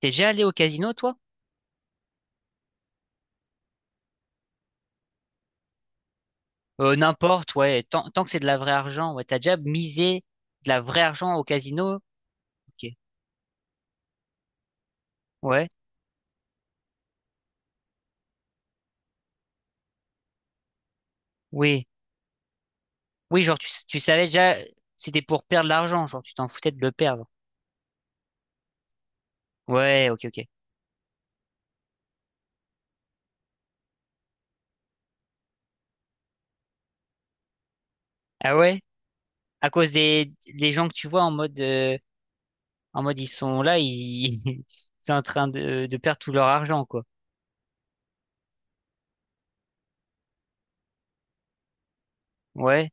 T'es déjà allé au casino, toi? N'importe, ouais. Tant que c'est de la vraie argent, ouais. T'as déjà misé de la vraie argent au casino? Ok. Ouais. Oui. Oui, genre, tu savais déjà, c'était pour perdre de l'argent, genre, tu t'en foutais de le perdre. Ouais, ok, ok. Ah ouais? À cause des gens que tu vois en mode, ils sont là, ils, ils sont en train de perdre tout leur argent, quoi. Ouais.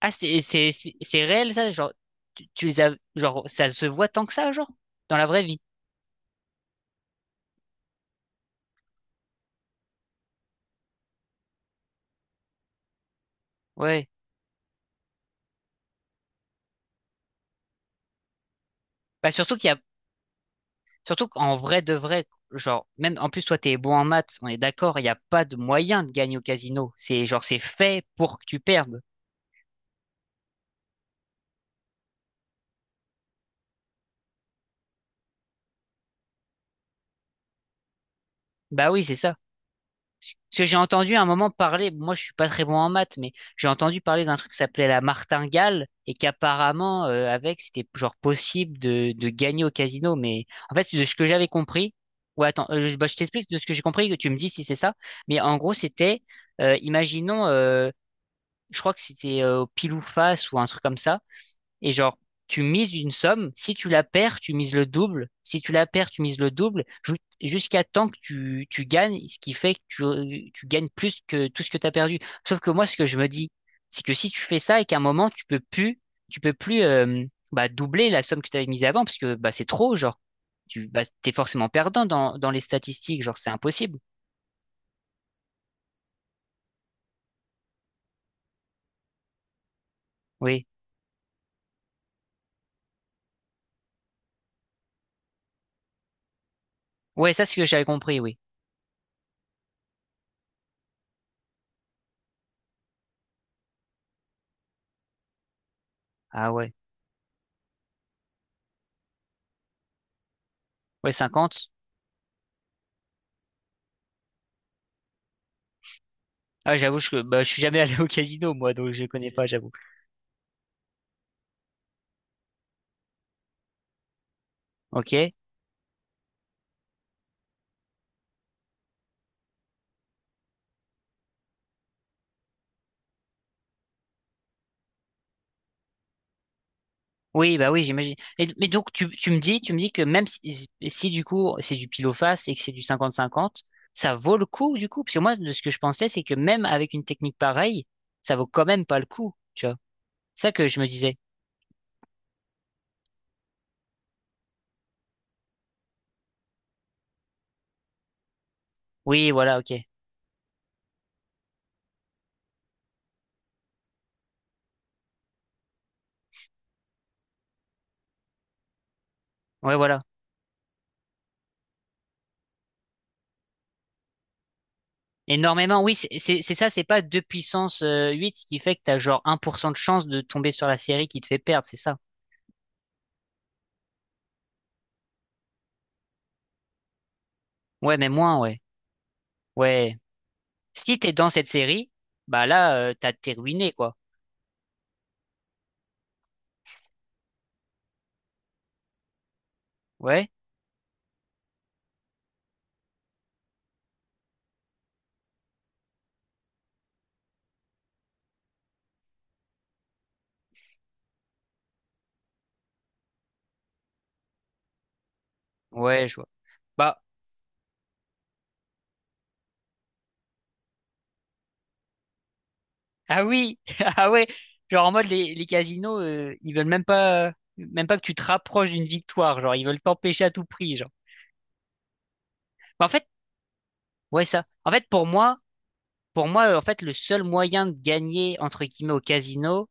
Ah, c'est réel, ça? Genre, tu les as, genre, ça se voit tant que ça, genre? Dans la vraie vie. Ouais. Bah, surtout qu'il y a Surtout qu'en vrai de vrai, genre, même en plus, toi, t'es bon en maths, on est d'accord, il n'y a pas de moyen de gagner au casino. C'est genre, c'est fait pour que tu perdes. Bah oui, c'est ça. Parce que j'ai entendu à un moment parler, moi je suis pas très bon en maths, mais j'ai entendu parler d'un truc qui s'appelait la martingale et qu'apparemment, avec, c'était genre possible de gagner au casino. Mais en fait, de ce que j'avais compris, ouais, attends, je bah, je t'explique de ce que j'ai compris, que tu me dis si c'est ça. Mais en gros, c'était, imaginons, je crois que c'était au pile ou face ou un truc comme ça. Et genre, tu mises une somme, si tu la perds, tu mises le double, si tu la perds, tu mises le double, jusqu'à temps que tu gagnes, ce qui fait que tu gagnes plus que tout ce que tu as perdu. Sauf que moi, ce que je me dis, c'est que si tu fais ça et qu'à un moment, tu peux plus bah, doubler la somme que tu avais mise avant, parce que bah, c'est trop, genre, tu bah, t'es forcément perdant dans, dans les statistiques, genre, c'est impossible. Oui. Ouais, ça, c'est ce que j'avais compris, oui. Ah ouais. Ouais, 50. Ah, j'avoue, je, bah, je suis jamais allé au casino, moi, donc je connais pas, j'avoue. Ok. Oui, bah oui, j'imagine. Et- Mais donc, tu me dis, tu me dis que même si, si si du coup, c'est du pile ou face et que c'est du 50-50, ça vaut le coup, du coup? Parce que moi, de ce que je pensais, c'est que même avec une technique pareille, ça vaut quand même pas le coup, tu vois. C'est ça que je me disais. Oui, voilà, ok. Ouais, voilà. Énormément, oui, c'est ça, c'est pas 2 puissance 8 ce qui fait que t'as genre un pour cent de chance de tomber sur la série qui te fait perdre, c'est ça? Ouais, mais moins, ouais. Ouais. Si t'es dans cette série, bah là, t'as, t'es ruiné, quoi. Ouais, ouais, je vois. Bah. Ah oui, ah ouais, genre en mode les casinos, ils veulent même pas que tu te rapproches d'une victoire, genre ils veulent t'empêcher à tout prix, genre. Mais en fait, ouais ça. En fait pour moi en fait le seul moyen de gagner entre guillemets au casino,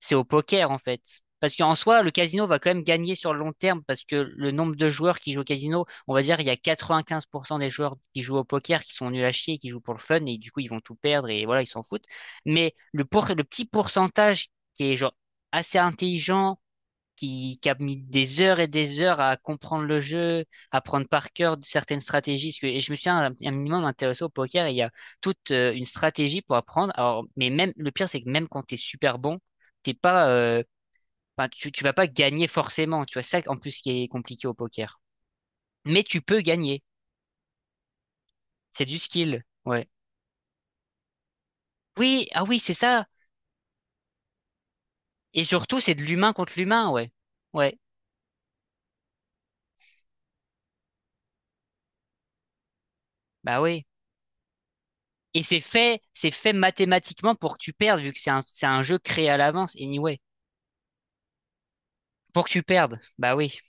c'est au poker en fait. Parce qu'en soi, le casino va quand même gagner sur le long terme parce que le nombre de joueurs qui jouent au casino, on va dire, il y a 95% des joueurs qui jouent au poker qui sont nuls à chier, qui jouent pour le fun et du coup, ils vont tout perdre et voilà, ils s'en foutent. Mais le, le petit pourcentage qui est genre assez intelligent, qui a mis des heures et des heures à comprendre le jeu, à prendre par cœur certaines stratégies. Parce que- et je me suis un minimum intéressé au poker et il y a toute une stratégie pour apprendre. Alors, mais même, le pire, c'est que même quand t'es super bon, t'es pas, enfin, tu vas pas gagner forcément. Tu vois, ça, en plus, qui est compliqué au poker. Mais tu peux gagner. C'est du skill. Ouais. Oui, ah oui, c'est ça. Et surtout, c'est de l'humain contre l'humain, ouais. Ouais. Bah oui. Et c'est fait mathématiquement pour que tu perdes, vu que c'est un jeu créé à l'avance, anyway. Pour que tu perdes. Bah oui.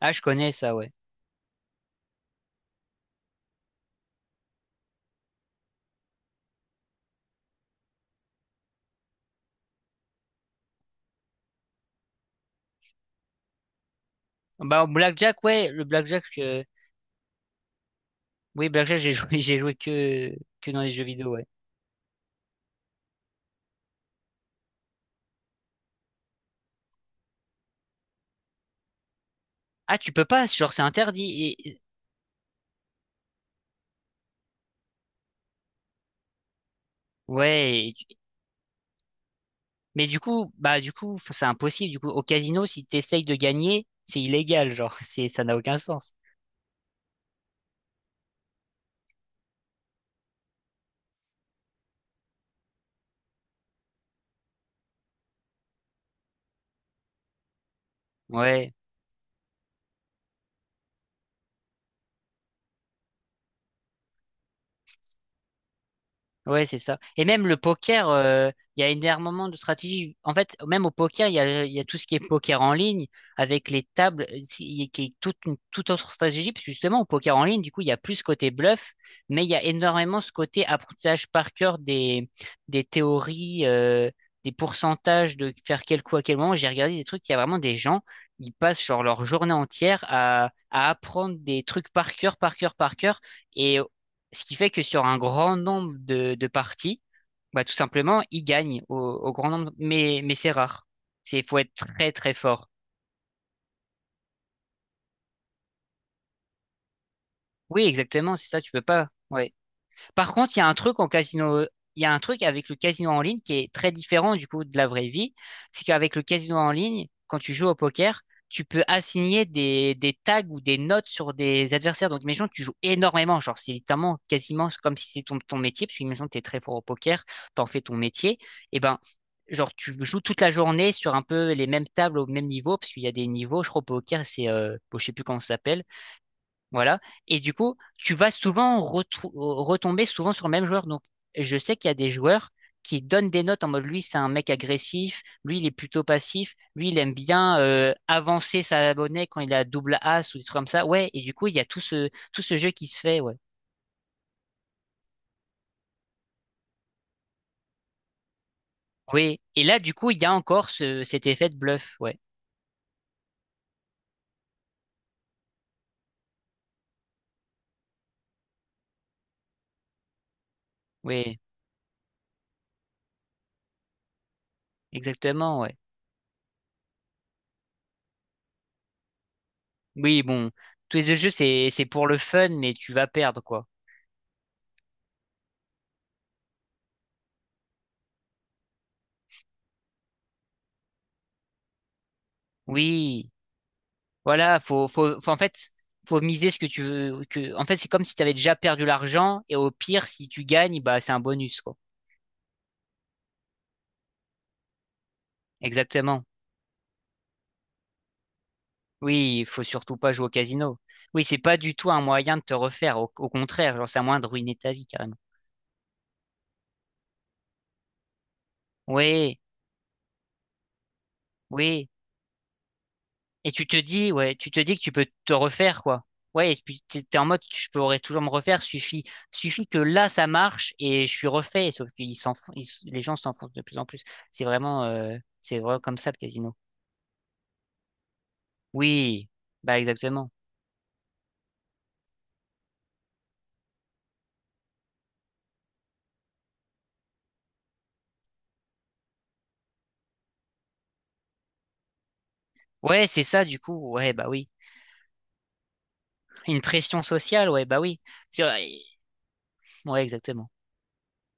Ah, je connais ça, ouais. Bah, au Blackjack, ouais, le Blackjack, oui, Blackjack, j'ai joué, que dans les jeux vidéo, ouais. Ah, tu peux pas, genre, c'est interdit. et- et- ouais. Mais du coup, bah, du coup, enfin, c'est impossible. Du coup, au casino, si t'essayes de gagner, c'est illégal, genre, c'est, ça n'a aucun sens. Ouais. Ouais, c'est ça. Et même le poker, il y a énormément de stratégies. En fait, même au poker, il y a tout ce qui est poker en ligne avec les tables, qui est toute une toute autre stratégie. Parce que justement, au poker en ligne, du coup, il y a plus ce côté bluff, mais il y a énormément ce côté apprentissage par cœur des théories, des pourcentages de faire quel coup à quel moment. J'ai regardé des trucs, il y a vraiment des gens, ils passent genre leur journée entière à apprendre des trucs par cœur, par cœur, par cœur. Et ce qui fait que sur un grand nombre de parties, bah, tout simplement, il gagne au, au grand nombre. Mais c'est rare. C'est, faut être très très fort. Oui, exactement, c'est ça, tu peux pas. Ouais. Par contre, il y a un truc en casino, il y a un truc avec le casino en ligne qui est très différent du coup de la vraie vie. C'est qu'avec le casino en ligne, quand tu joues au poker, tu peux assigner des tags ou des notes sur des adversaires. Donc, imagine, tu joues énormément. Genre, c'est littéralement quasiment comme si c'était ton, ton métier, parce que imagine, tu es très fort au poker, t'en fais ton métier. Et ben, genre, tu joues toute la journée sur un peu les mêmes tables au même niveau, parce qu'il y a des niveaux, je crois, au poker, c'est, bon, je sais plus comment ça s'appelle. Voilà. Et du coup, tu vas souvent retomber souvent sur le même joueur. Donc, je sais qu'il y a des joueurs qui donnent des notes en mode, lui, c'est un mec agressif, lui, il est plutôt passif, lui, il aime bien avancer sa monnaie quand il a double as ou des trucs comme ça. Ouais, et du coup, il y a tout ce jeu qui se fait, ouais. Oui. Et là, du coup, il y a encore ce, cet effet de bluff, ouais. Oui, exactement, ouais. Oui, bon, tous les jeux, c'est pour le fun, mais tu vas perdre, quoi. Oui, voilà, en fait, faut miser ce que tu veux. Que, en fait, c'est comme si tu avais déjà perdu l'argent, et au pire, si tu gagnes, bah, c'est un bonus, quoi. Exactement. Oui, il faut surtout pas jouer au casino. Oui, c'est pas du tout un moyen de te refaire, au, au contraire, genre, c'est un moyen de ruiner ta vie, carrément. Oui, oui. Et tu te dis, ouais, tu te dis que tu peux te refaire, quoi. Ouais, et puis t'es en mode, je pourrais toujours me refaire, suffit, suffit que là, ça marche et je suis refait. Sauf qu'ils s'enfoncent, les gens s'enfoncent de plus en plus. C'est vraiment comme ça, le casino. Oui, bah, exactement. Ouais, c'est ça, du coup. Ouais, bah oui. Une pression sociale, ouais, bah oui. C'est vrai. Ouais, exactement.